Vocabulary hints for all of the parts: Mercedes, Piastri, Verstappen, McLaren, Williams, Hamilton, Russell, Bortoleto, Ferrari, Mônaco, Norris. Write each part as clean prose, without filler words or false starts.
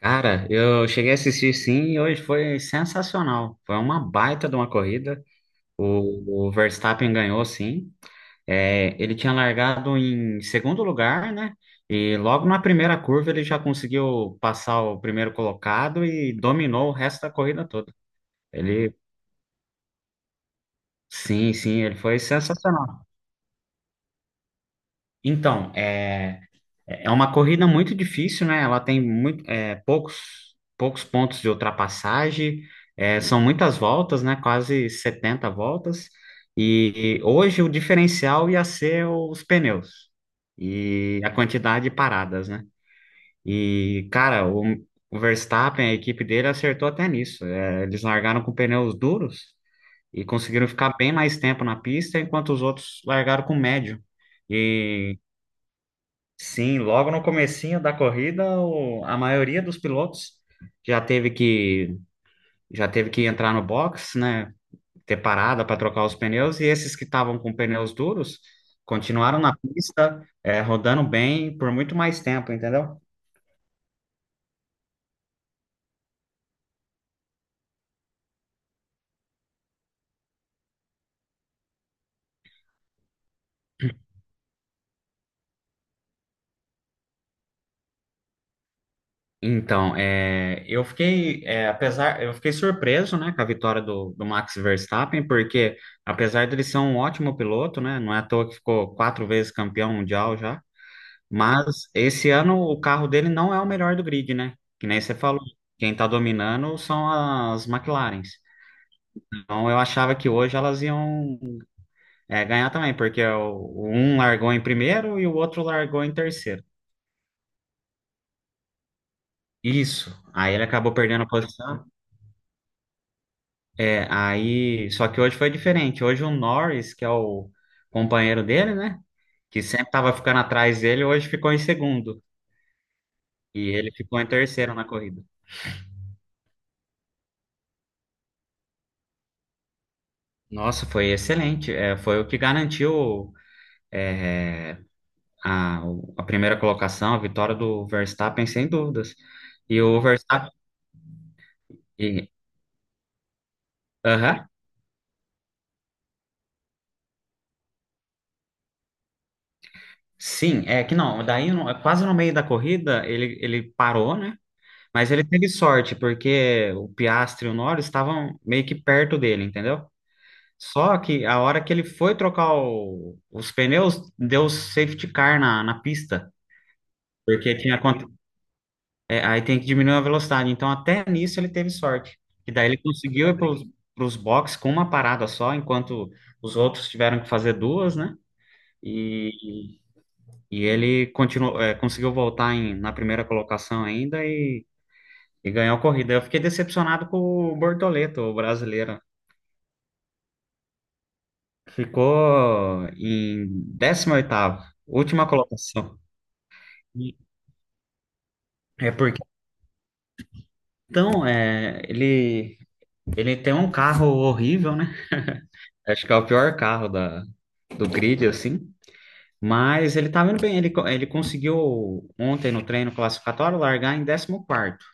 Cara, eu cheguei a assistir sim e hoje foi sensacional. Foi uma baita de uma corrida. O Verstappen ganhou, sim. É, ele tinha largado em segundo lugar, né? E logo na primeira curva ele já conseguiu passar o primeiro colocado e dominou o resto da corrida toda. Ele, sim, sim, ele foi sensacional. Então, é. É uma corrida muito difícil, né? Ela tem muito, poucos pontos de ultrapassagem, são muitas voltas, né? Quase 70 voltas. E hoje o diferencial ia ser os pneus e a quantidade de paradas, né? E, cara, o Verstappen, a equipe dele acertou até nisso. É, eles largaram com pneus duros e conseguiram ficar bem mais tempo na pista, enquanto os outros largaram com médio. E Sim, logo no comecinho da corrida, a maioria dos pilotos já teve que já teve que entrar no box, né? Ter parada para trocar os pneus, e esses que estavam com pneus duros continuaram na pista, rodando bem por muito mais tempo, entendeu? Então, eu fiquei, eu fiquei surpreso, né, com a vitória do Max Verstappen, porque apesar dele ser um ótimo piloto, né, não é à toa que ficou quatro vezes campeão mundial já. Mas esse ano o carro dele não é o melhor do grid, né? Que nem você falou. Quem tá dominando são as McLarens. Então eu achava que hoje elas iam, ganhar também, porque um largou em primeiro e o outro largou em terceiro. Isso. Aí ele acabou perdendo a posição. É, aí. Só que hoje foi diferente. Hoje o Norris, que é o companheiro dele, né? Que sempre tava ficando atrás dele, hoje ficou em segundo. E ele ficou em terceiro na corrida. Nossa, foi excelente. É, foi o que garantiu. É, a, a primeira colocação, a vitória do Verstappen, sem dúvidas. E o Verstappen. e- Aham. Sim, é que não, daí quase no meio da corrida ele parou, né? Mas ele teve sorte, porque o Piastri e o Norris estavam meio que perto dele, entendeu? Só que a hora que ele foi trocar os pneus, deu safety car na pista, porque tinha, acon- É, aí tem que diminuir a velocidade. Então, até nisso ele teve sorte. E daí ele conseguiu ir para os boxes com uma parada só, enquanto os outros tiveram que fazer duas, né? E, e ele continuou, conseguiu voltar na primeira colocação ainda e ganhou a corrida. Eu fiquei decepcionado com o Bortoleto, o brasileiro. Ficou em 18º, última colocação. E É porque, então, ele tem um carro horrível, né? Acho que é o pior carro do grid, assim. Mas ele tá indo bem. Ele conseguiu ontem no treino classificatório largar em 14º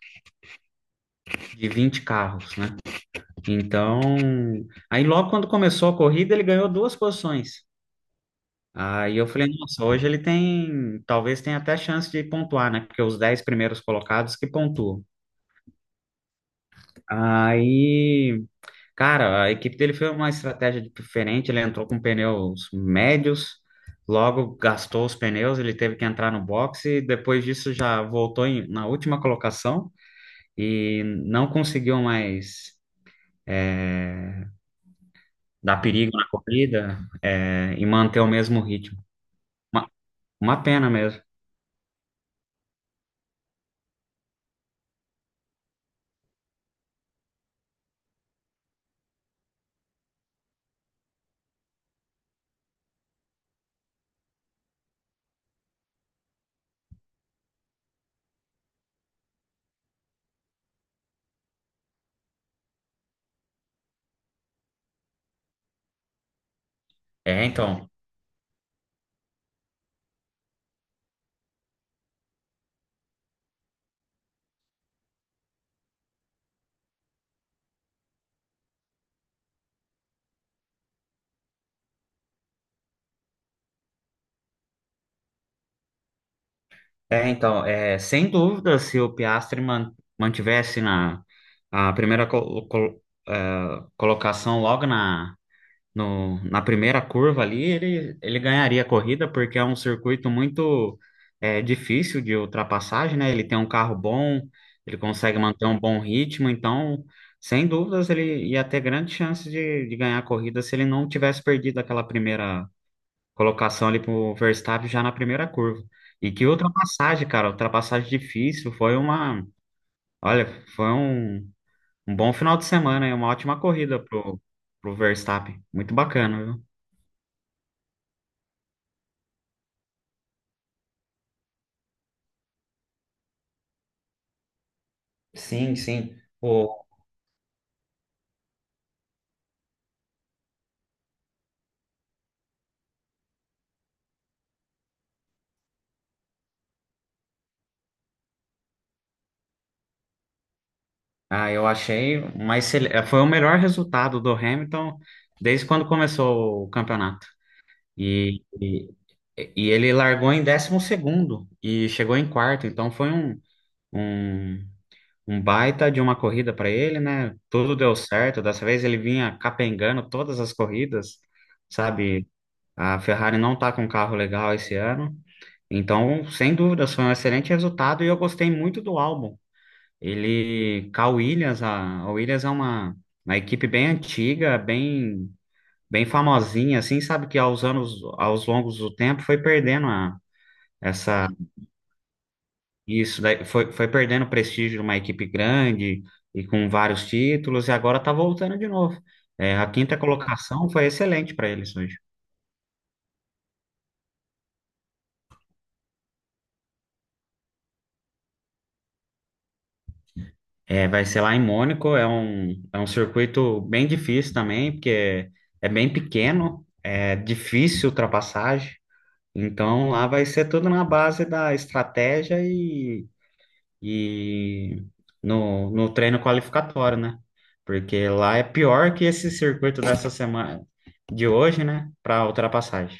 de 20 carros, né? Então, aí logo quando começou a corrida, ele ganhou duas posições. Aí eu falei, nossa, hoje ele tem, talvez tenha até chance de pontuar, né? Porque os 10 primeiros colocados que pontuam. Aí Cara, a equipe dele foi uma estratégia diferente. Ele entrou com pneus médios, logo gastou os pneus, ele teve que entrar no boxe. Depois disso, já voltou na última colocação e não conseguiu mais dar perigo na corrida, e manter o mesmo ritmo. Uma, uma pena mesmo. É, então. É, sem dúvida, se o Piastri mantivesse na a primeira é, colocação logo na no, na primeira curva ali, ele ganharia a corrida, porque é um circuito muito, difícil de ultrapassagem, né? Ele tem um carro bom, ele consegue manter um bom ritmo, então, sem dúvidas, ele ia ter grande chance de ganhar a corrida se ele não tivesse perdido aquela primeira colocação ali para o Verstappen já na primeira curva. E que ultrapassagem, cara, ultrapassagem difícil, olha, foi um bom final de semana, e uma ótima corrida pro Verstappen, muito bacana, viu? Sim, sim. O, ah, eu achei, mas foi o melhor resultado do Hamilton desde quando começou o campeonato. E, e, e ele largou em 12º e chegou em quarto, então foi um, um baita de uma corrida para ele, né? Tudo deu certo. Dessa vez ele vinha capengando todas as corridas, sabe? A Ferrari não tá com um carro legal esse ano. Então, sem dúvidas, foi um excelente resultado e eu gostei muito do álbum. Cal Williams, a Williams é uma equipe bem antiga, bem famosinha, assim, sabe que aos anos, aos longos do tempo, foi perdendo essa, isso daí, foi perdendo o prestígio de uma equipe grande e com vários títulos, e agora tá voltando de novo. É, a quinta colocação foi excelente para eles hoje. É, vai ser lá em Mônaco, é um circuito bem difícil também, porque é bem pequeno, é difícil ultrapassagem. Então, lá vai ser tudo na base da estratégia e no treino qualificatório, né? Porque lá é pior que esse circuito dessa semana, de hoje, né? Para ultrapassagem.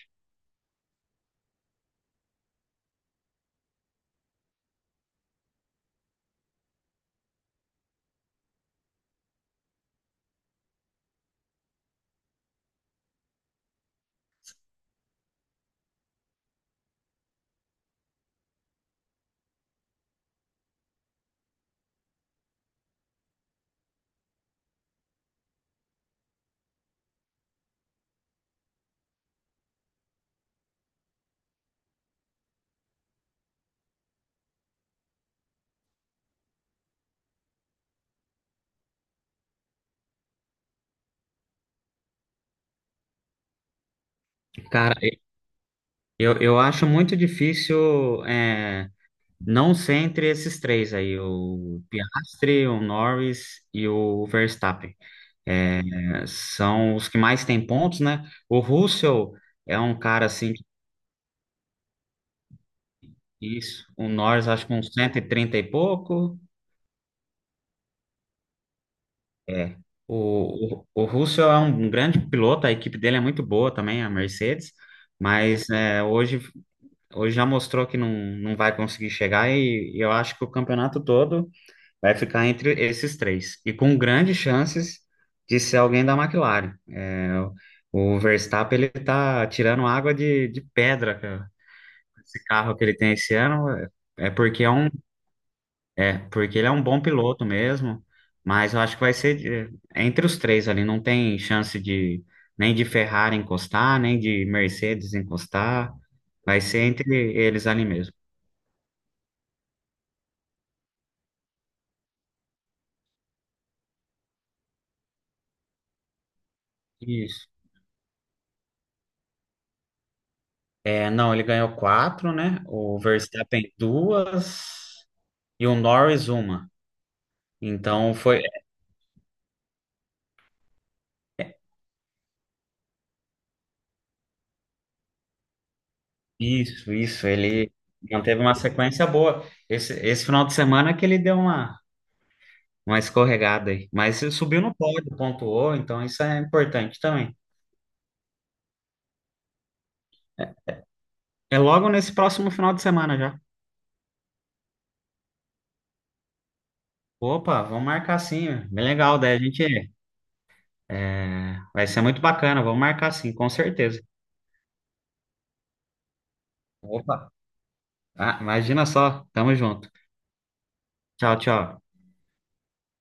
Cara, eu acho muito difícil, não ser entre esses três aí, o Piastri, o Norris e o Verstappen. É, são os que mais têm pontos, né? O Russell é um cara assim. Isso. O Norris, acho que uns 130 e pouco. É. O Russell é um grande piloto, a equipe dele é muito boa também, a Mercedes, mas hoje já mostrou que não vai conseguir chegar, e eu acho que o campeonato todo vai ficar entre esses três. E com grandes chances de ser alguém da McLaren. É, o Verstappen, ele tá tirando água de pedra, cara. Esse carro que ele tem esse ano é, porque é um. É, porque ele é um bom piloto mesmo, mas eu acho que vai ser entre os três ali, não tem chance de nem de Ferrari encostar, nem de Mercedes encostar, vai ser entre eles ali mesmo. Isso. É, não, ele ganhou quatro, né? O Verstappen duas e o Norris uma. Então foi isso, isso. Ele manteve uma sequência boa. Esse final de semana que ele deu uma escorregada aí. Mas ele subiu no pódio, pontuou, então isso é importante também. É logo nesse próximo final de semana já. Opa, vamos marcar sim. Bem legal, daí a gente. Vai ser muito bacana, vamos marcar sim, com certeza. Opa, ah, imagina só. Tamo junto. Tchau, tchau.